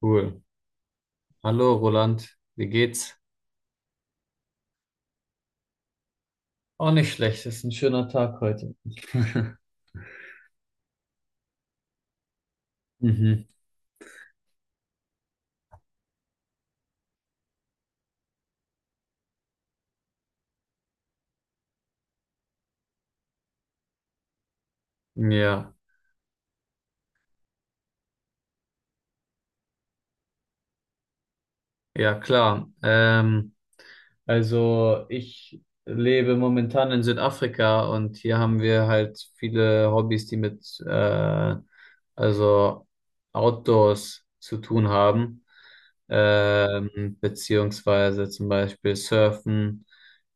Cool. Hallo Roland, wie geht's? Auch nicht schlecht, ist ein schöner Tag heute. Mhm. Ja, ja klar. Also ich lebe momentan in Südafrika und hier haben wir halt viele Hobbys, die mit also Outdoors zu tun haben, beziehungsweise zum Beispiel Surfen,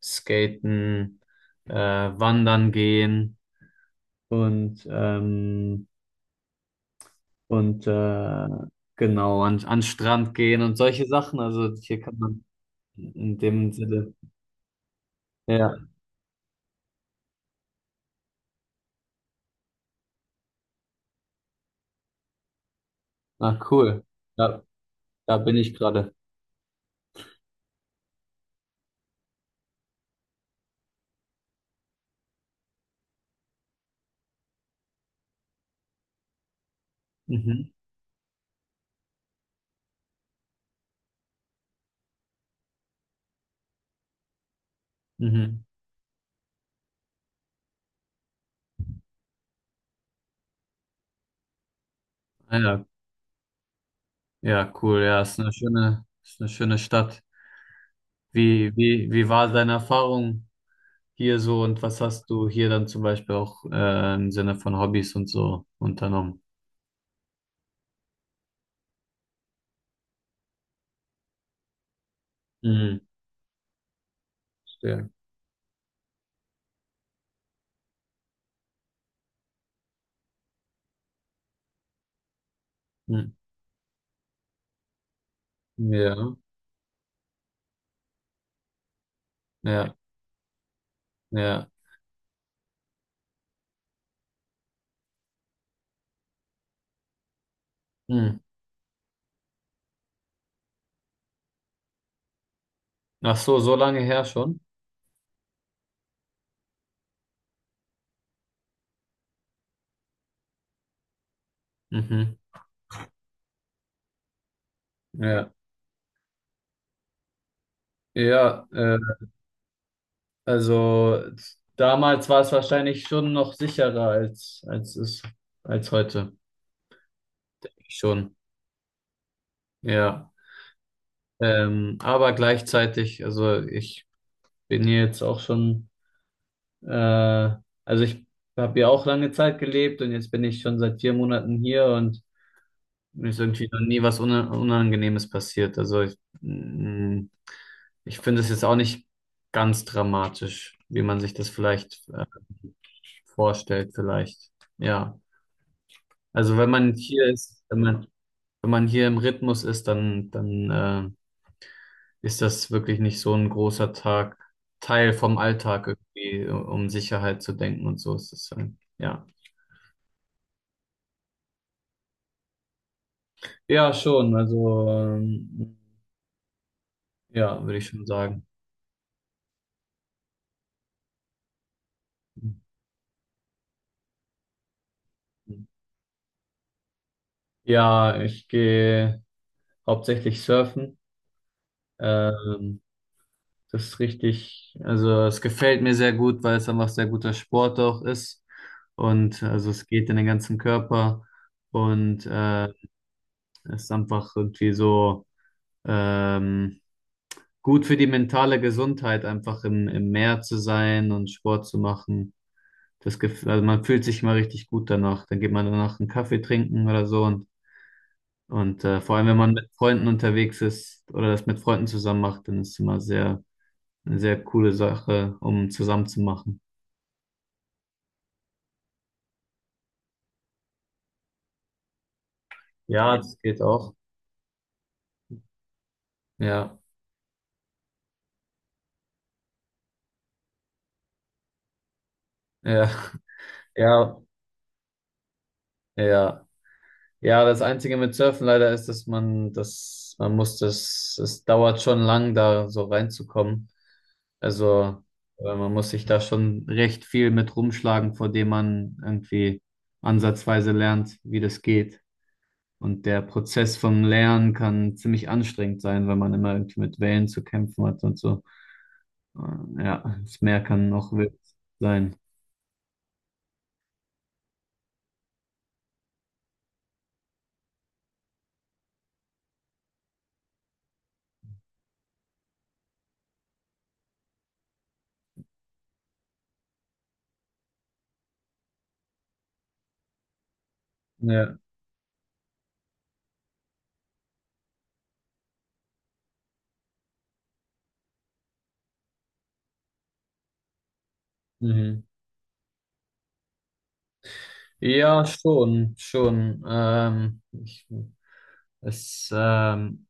Skaten, Wandern gehen und, ähm, und genau, an den Strand gehen und solche Sachen. Also hier kann man in dem Sinne. Ja, ah, cool. Da, da bin ich gerade. Mhm. Mhm. Ah, ja, ja, cool. Ja, ist eine schöne Stadt. Wie war deine Erfahrung hier so und was hast du hier dann zum Beispiel auch im Sinne von Hobbys und so unternommen? Mhm. Ja. Mhm. Ja, ja, ja. Mhm. Ach so, so lange her schon? Mhm. Ja, ja, also damals war es wahrscheinlich schon noch sicherer als heute. Schon, ja. Aber gleichzeitig, also ich bin hier jetzt auch schon, äh, also ich habe hier auch lange Zeit gelebt und jetzt bin ich schon seit 4 Monaten hier und mir ist irgendwie noch nie was Unangenehmes passiert. Also ich finde es jetzt auch nicht ganz dramatisch, wie man sich das vielleicht vorstellt vielleicht. Ja, also wenn man hier ist, wenn man hier im Rhythmus ist, dann ist das wirklich nicht so ein großer Tag, Teil vom Alltag irgendwie, um Sicherheit zu denken und so ist es dann. Ja, ja, schon. Also ja, würde ich schon sagen. Ja, ich gehe hauptsächlich surfen. Ähm, Das ist richtig, also es gefällt mir sehr gut, weil es einfach sehr guter Sport auch ist. Und also es geht in den ganzen Körper und es ist einfach irgendwie so ähm, gut für die mentale Gesundheit, einfach im Meer zu sein und Sport zu machen. Das gef also man fühlt sich mal richtig gut danach. Dann geht man danach einen Kaffee trinken oder so. Und vor allem, wenn man mit Freunden unterwegs ist oder das mit Freunden zusammen macht, dann ist es immer sehr, eine sehr coole Sache, um zusammen zu machen. Ja, das geht auch. Ja, ja, ja, ja. Ja, das Einzige mit Surfen leider ist, dass man das, man muss das, es dauert schon lang, da so reinzukommen. Also, man muss sich da schon recht viel mit rumschlagen, vor dem man irgendwie ansatzweise lernt, wie das geht. Und der Prozess vom Lernen kann ziemlich anstrengend sein, weil man immer irgendwie mit Wellen zu kämpfen hat und so. Ja, das Meer kann auch wild sein. Ja. Mhm. Ja, schon, schon. Es, ähm,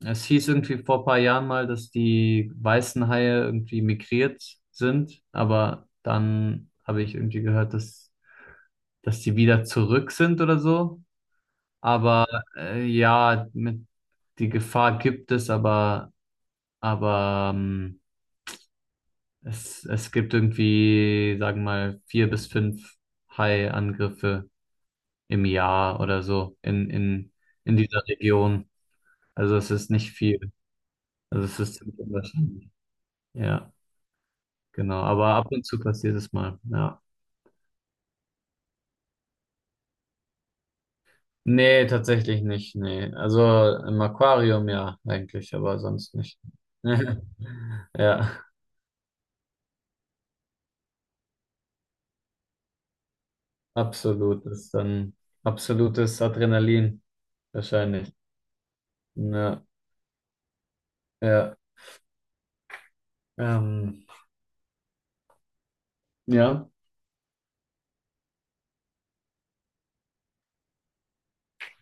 es hieß irgendwie vor ein paar Jahren mal, dass die weißen Haie irgendwie migriert sind, aber dann habe ich irgendwie gehört, dass die wieder zurück sind oder so. Aber ja, die Gefahr gibt es, aber es gibt irgendwie, sagen wir mal, vier bis fünf Hai-Angriffe im Jahr oder so in dieser Region. Also es ist nicht viel. Also es ist ziemlich unwahrscheinlich. Ja, genau. Aber ab und zu passiert es mal. Ja. Nee, tatsächlich nicht. Nee. Also im Aquarium ja eigentlich, aber sonst nicht. Ja, absolut. Das ist dann absolutes Adrenalin wahrscheinlich. Ja, ja. Ähm, ja.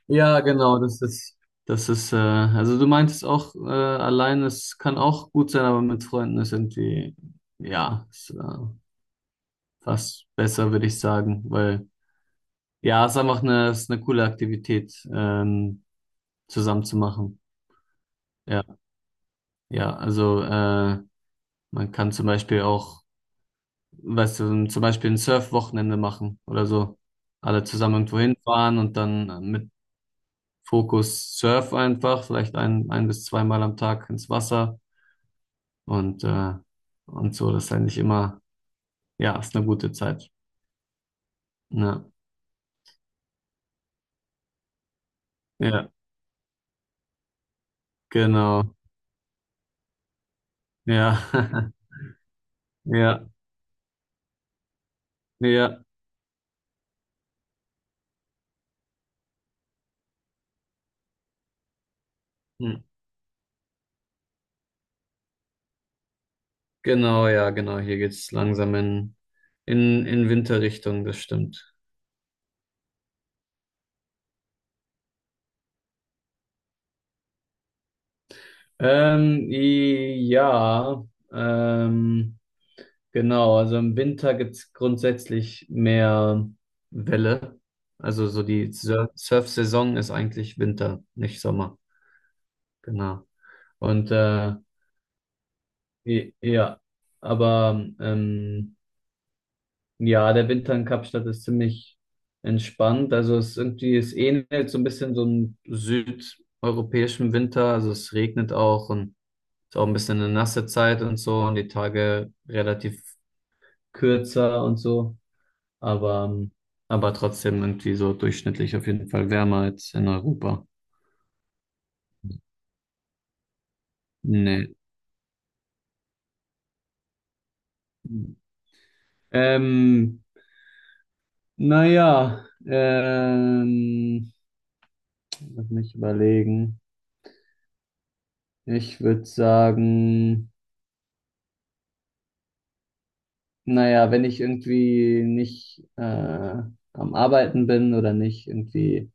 Ja, genau, also du meintest auch, allein, es kann auch gut sein, aber mit Freunden ist irgendwie, ja, fast besser, würde ich sagen, weil, ja, es ist einfach es ist eine coole Aktivität, zusammen zu machen. Ja, ja, also, man kann zum Beispiel auch, weißt du, zum Beispiel ein Surf-Wochenende machen oder so. Alle zusammen irgendwo hinfahren und dann mit Fokus Surf einfach, vielleicht ein bis zweimal am Tag ins Wasser und, äh, und so. Das ist eigentlich immer, ja, ist eine gute Zeit. Ja, ja, genau. Ja, ja, ja. Hm. Genau, ja, genau. Hier geht's langsam in, in Winterrichtung, das stimmt. Ja, ähm, genau. Also im Winter gibt es grundsätzlich mehr Welle. Also so die Surf-Saison ist eigentlich Winter, nicht Sommer. Genau. Und ja, aber ja, der Winter in Kapstadt ist ziemlich entspannt. Also es ist irgendwie, es ähnelt so ein bisschen so einem südeuropäischen Winter. Also es regnet auch und ist auch ein bisschen eine nasse Zeit und so und die Tage relativ kürzer und so. Aber, ähm, aber trotzdem irgendwie so durchschnittlich auf jeden Fall wärmer als in Europa. Nee. Ähm, naja, lass mich überlegen. Ich würde sagen, naja, wenn ich irgendwie nicht am Arbeiten bin oder nicht irgendwie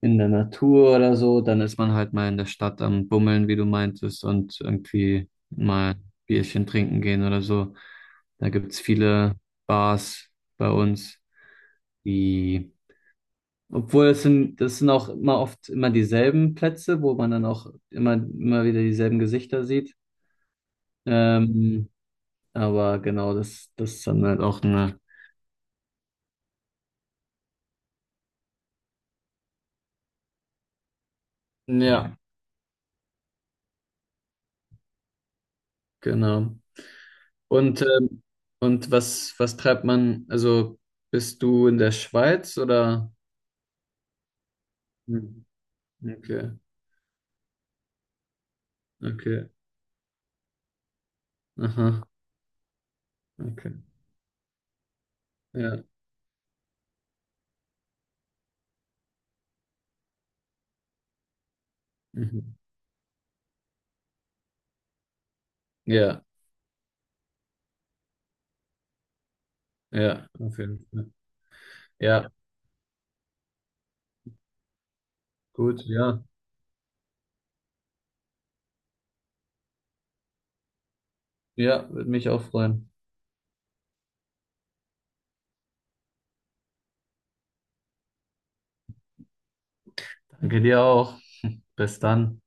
in der Natur oder so, dann ist man halt mal in der Stadt am Bummeln, wie du meintest, und irgendwie mal Bierchen trinken gehen oder so. Da gibt's viele Bars bei uns, die, obwohl es sind, das sind auch immer oft immer dieselben Plätze, wo man dann auch immer, immer wieder dieselben Gesichter sieht. Ähm, Aber genau, das ist dann halt auch eine, Ja. Genau. Und, ähm, und was treibt man, also bist du in der Schweiz oder? Hm, okay, okay, aha, okay, ja, mhm. Ja, ja, auf jeden Fall. Ja, gut, ja, ja, würde mich auch freuen. Danke dir auch. Bis dann.